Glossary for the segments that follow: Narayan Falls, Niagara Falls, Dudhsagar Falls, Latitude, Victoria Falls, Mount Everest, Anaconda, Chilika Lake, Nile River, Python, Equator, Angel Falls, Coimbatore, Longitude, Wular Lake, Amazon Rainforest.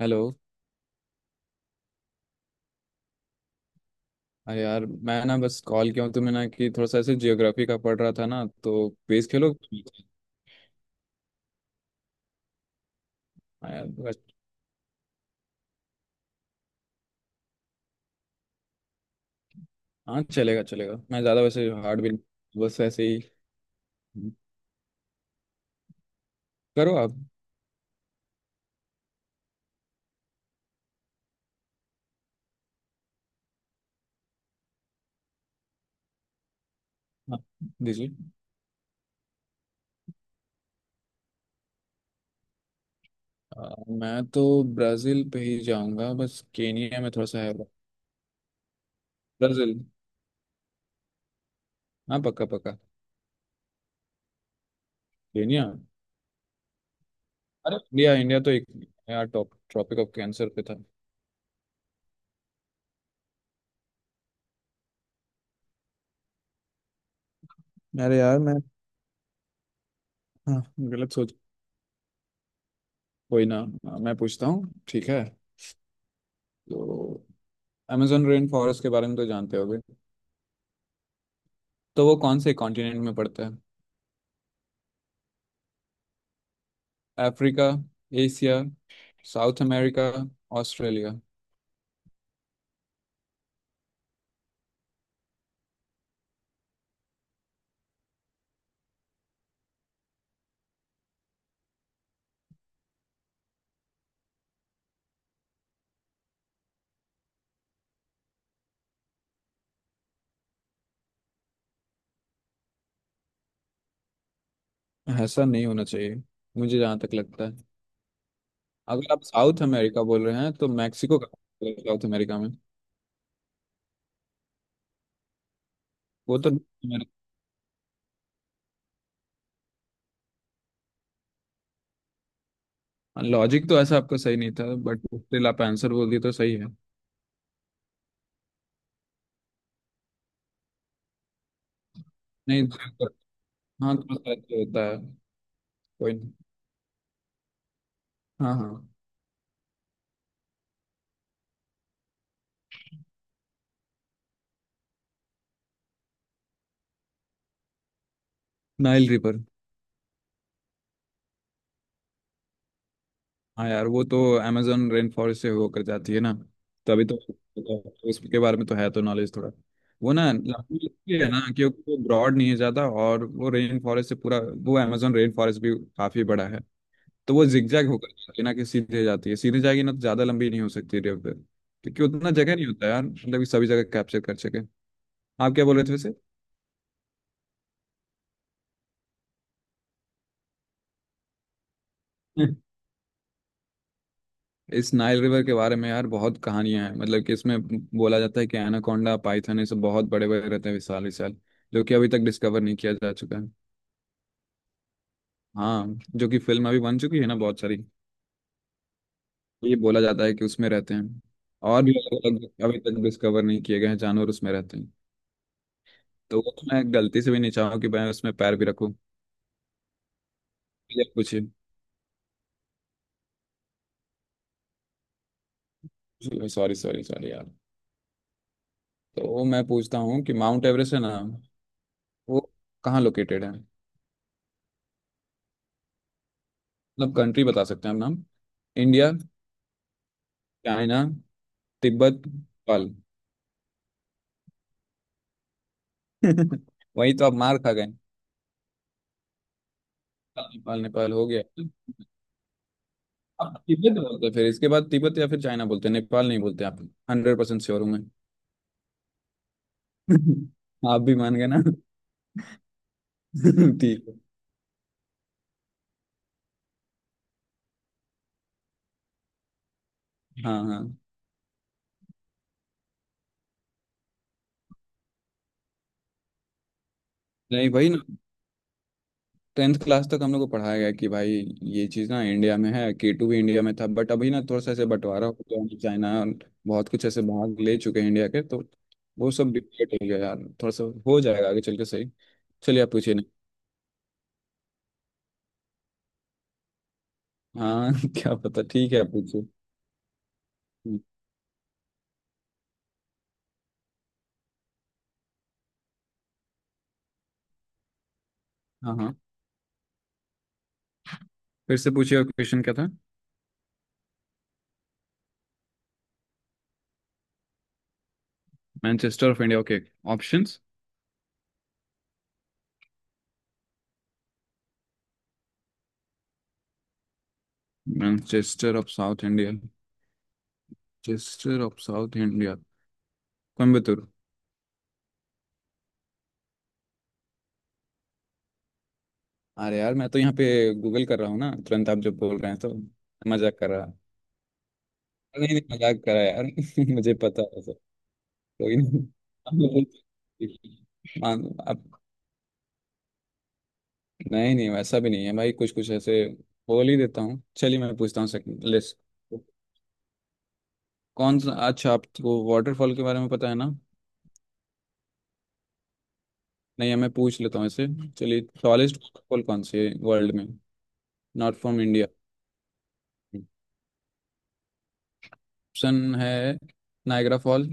Hello. अरे यार, मैं ना बस कॉल किया हूँ तुम्हें ना कि थोड़ा सा ऐसे जियोग्राफी का पढ़ रहा था ना, तो क्विज खेलो। हाँ यार। हाँ, चलेगा चलेगा, मैं ज़्यादा वैसे हार्ड भी नहीं, बस ऐसे ही। करो आप। हाँ, दीजिए। मैं तो ब्राज़ील पे ही जाऊंगा, बस केनिया में थोड़ा सा है। ब्राज़ील। हाँ, पक्का पक्का। केनिया। अरे, इंडिया इंडिया तो एक, यार, टॉप ट्रॉपिक ऑफ कैंसर पे था। अरे यार, मैं। हाँ। गलत सोच। कोई ना। मैं पूछता हूँ, ठीक है। तो amazon रेन फॉरेस्ट के बारे में तो जानते होगे। तो वो कौन से कॉन्टिनेंट में पड़ता है? Africa, Asia, South America, Australia. ऐसा नहीं होना चाहिए, मुझे जहाँ तक लगता है। अगर आप साउथ अमेरिका बोल रहे हैं, तो मैक्सिको का साउथ अमेरिका में, वो तो, लॉजिक तो ऐसा आपका सही नहीं था बट स्टिल आप आंसर बोल दिए तो सही है। नहीं। हाँ, थोड़ा सा ऐसे होता है। कोई नहीं। हाँ, हाँ। Nile river. हाँ यार, वो तो अमेजोन रेन फॉरेस्ट से होकर जाती है ना, तभी तो उसके बारे में तो है तो नॉलेज थोड़ा। वो ना लंबी इसलिए है ना, क्योंकि वो ब्रॉड नहीं है ज़्यादा, और वो रेन फॉरेस्ट से पूरा, वो अमेजोन रेन फॉरेस्ट भी काफ़ी बड़ा है। तो वो जिगजैग होकर जाती है ना कि सीधे जाती है, सीधे जाएगी ना तो ज़्यादा लंबी नहीं हो सकती रिवर, क्योंकि उतना जगह नहीं होता यार, मतलब कि सभी जगह कैप्चर कर सके। आप क्या बोल रहे थे वैसे? इस नाइल रिवर के बारे में यार बहुत कहानियां हैं, मतलब कि इसमें बोला जाता है कि एनाकोंडा, पाइथन, ये सब बहुत बड़े बड़े रहते हैं, विशाल विशाल, जो कि अभी तक डिस्कवर नहीं किया जा चुका है। हाँ, जो कि फिल्म अभी बन चुकी है ना बहुत सारी। ये बोला जाता है कि उसमें रहते हैं। और भी अलग अलग अभी तक डिस्कवर नहीं किए गए हैं जानवर, उसमें रहते हैं। तो वो तो मैं गलती से भी नहीं चाहूँ कि मैं उसमें पैर भी रखूँ। ये पूछिए। सॉरी, सॉरी, सॉरी यार। तो मैं पूछता हूँ कि माउंट एवरेस्ट है ना, वो कहाँ लोकेटेड है? मतलब कंट्री बता सकते हैं हम, नाम। India, China, Tibet, Nepal. वही तो आप मार खा गए, नेपाल नेपाल हो गया। आप तिब्बत बोलते हैं, फिर इसके बाद तिब्बत या फिर चाइना बोलते हैं, नेपाल नहीं बोलते आप। 100% श्योर हूँ मैं। आप भी मान गए ना। ठीक है। हाँ, हाँ। नहीं भाई ना, 10th क्लास तक हम लोग को पढ़ाया गया कि भाई ये चीज़ ना इंडिया में है, K2 भी इंडिया में था, बट अभी ना थोड़ा सा ऐसे बंटवारा हो गया है, चाइना और बहुत कुछ ऐसे भाग ले चुके हैं इंडिया के, तो वो सब डिफिकल्ट हो गया यार, थोड़ा सा हो जाएगा आगे चल के सही। चलिए आप पूछिए। हाँ, क्या पता, ठीक है आप पूछो। हम्म, हाँ, हाँ। फिर से पूछिए, और क्वेश्चन क्या था? Manchester of India, okay. Options. Manchester of South India. Manchester of South India. Coimbatore. अरे यार, मैं तो यहाँ पे गूगल कर रहा हूँ ना तुरंत, आप जब बोल रहे हैं तो। मजाक कर रहा। नहीं नहीं मजाक करा यार, मुझे पता है सर। कोई नहीं। आप लोग- मान आप। नहीं नहीं, वैसा भी नहीं है भाई, कुछ कुछ ऐसे बोल ही देता हूँ। चलिए मैं पूछता हूँ सेकंड लिस्ट। कौन सा, अच्छा आपको वाटरफॉल के बारे में पता है ना। नहीं मैं पूछ लेता हूँ इसे। चलिए, टॉलेस्ट वाटरफॉल कौन से वर्ल्ड में? Not from India. ऑप्शन है, नायग्रा फॉल।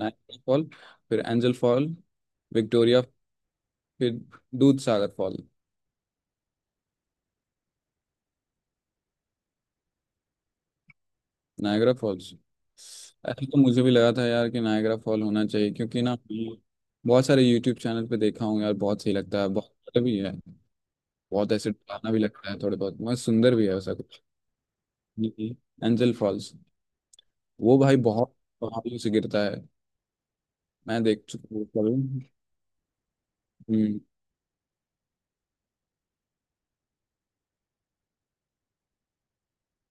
Niagara fall. फिर एंजल फॉल। विक्टोरिया। फिर Dudh Sagar fall. Niagara falls. ऐसा तो मुझे भी लगा था यार कि नायग्रा फॉल होना चाहिए, क्योंकि ना बहुत सारे यूट्यूब चैनल पे देखा हूँ यार, बहुत सही लगता है, बहुत अच्छा भी है। बहुत ऐसे डरावना भी लगता है, थोड़े बहुत, बहुत सुंदर भी है, वैसा कुछ। Angel false. वो भाई बहुत पहाड़ियों से गिरता है। मैं देख चुका हूँ उसका भी। हम्म।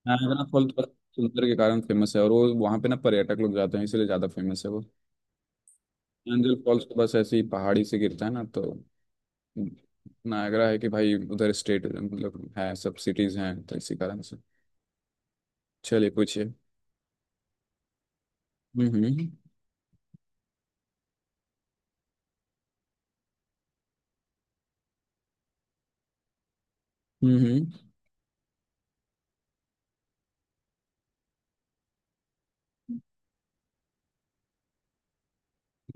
नारायणा फॉल तो बस सुंदर के कारण फेमस है, और वो वहाँ पे ना पर्यटक लोग जाते हैं, इसलिए ज्यादा फेमस है वो। एंजल फॉल्स तो बस ऐसे ही पहाड़ी से गिरता है ना, तो नायगरा है कि भाई उधर स्टेट मतलब है, सब सिटीज हैं, तो इसी कारण से। चलिए पूछिए। हम्म। हम्म। हम्म। हम्म।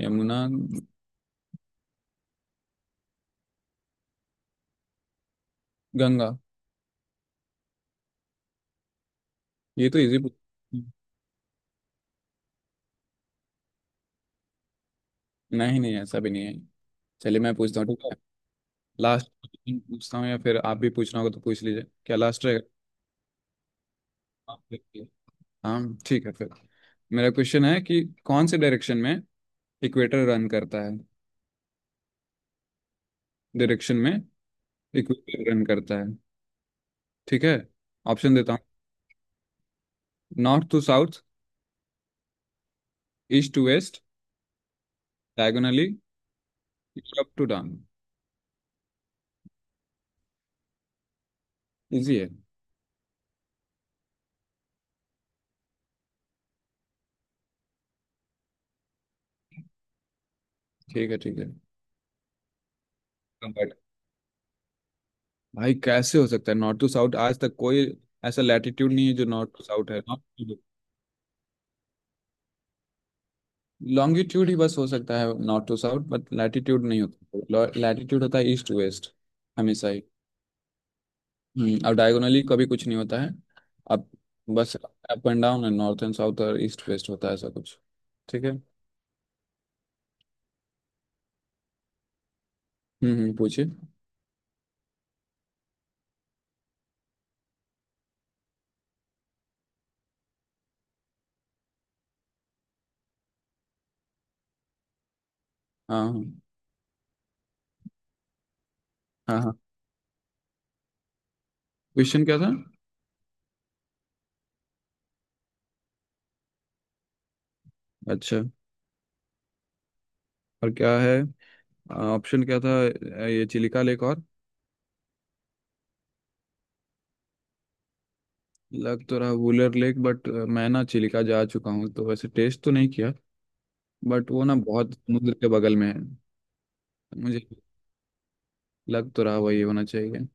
यमुना। गंगा। ये तो इजी। नहीं नहीं, ऐसा भी नहीं है। चलिए मैं पूछता हूँ, ठीक है। लास्ट पूछता हूँ, या फिर आप भी पूछना होगा तो पूछ लीजिए, क्या लास्ट है? हाँ। ठीक है फिर, मेरा क्वेश्चन है कि कौन से डायरेक्शन में इक्वेटर रन करता है? डायरेक्शन में इक्वेटर रन करता है, ठीक है। ऑप्शन देता हूँ। North to south. East to west. Diagonally. Up to down. Easy है। ठीक है, ठीक है। बट भाई कैसे हो सकता है नॉर्थ टू साउथ? आज तक कोई ऐसा लैटिट्यूड नहीं है जो नॉर्थ टू साउथ है। लॉन्गिट्यूड ही बस हो सकता है north to south, but latitude नहीं होता, लैटिट्यूड होता है ईस्ट टू वेस्ट, हमेशा ही। अब डायगोनली कभी कुछ नहीं होता है। अब बस अप एंड डाउन है, नॉर्थ एंड साउथ और ईस्ट वेस्ट होता है, ऐसा कुछ। ठीक है। पूछिए। हाँ, हाँ, हाँ। क्वेश्चन क्या था? अच्छा। और क्या है? ऑप्शन क्या था? ये चिलिका लेक और, लग तो रहा वुलर लेक, बट मैं ना चिलिका जा चुका हूँ तो वैसे टेस्ट तो नहीं किया, बट वो ना बहुत समुद्र के बगल में है। मुझे लग तो रहा वही होना चाहिए।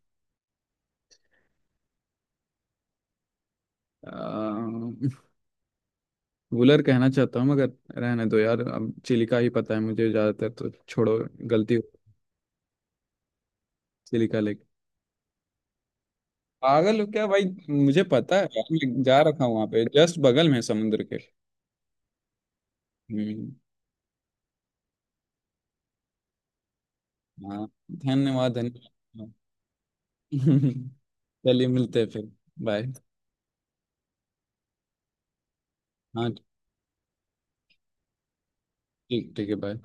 अ, वुलर कहना चाहता हूँ मगर रहने दो यार, अब चिलिका ही पता है मुझे ज्यादातर, तो छोड़ो। गलती हो। चिलिका लेके पागल हो क्या भाई? मुझे पता है यार, मैं जा रखा हूँ वहां पे, जस्ट बगल में है समुद्र के। हम्म। हाँ, धन्यवाद धन्यवाद। चलिए मिलते हैं फिर। बाय। हाँ। ठीक, ठीक है। बाय।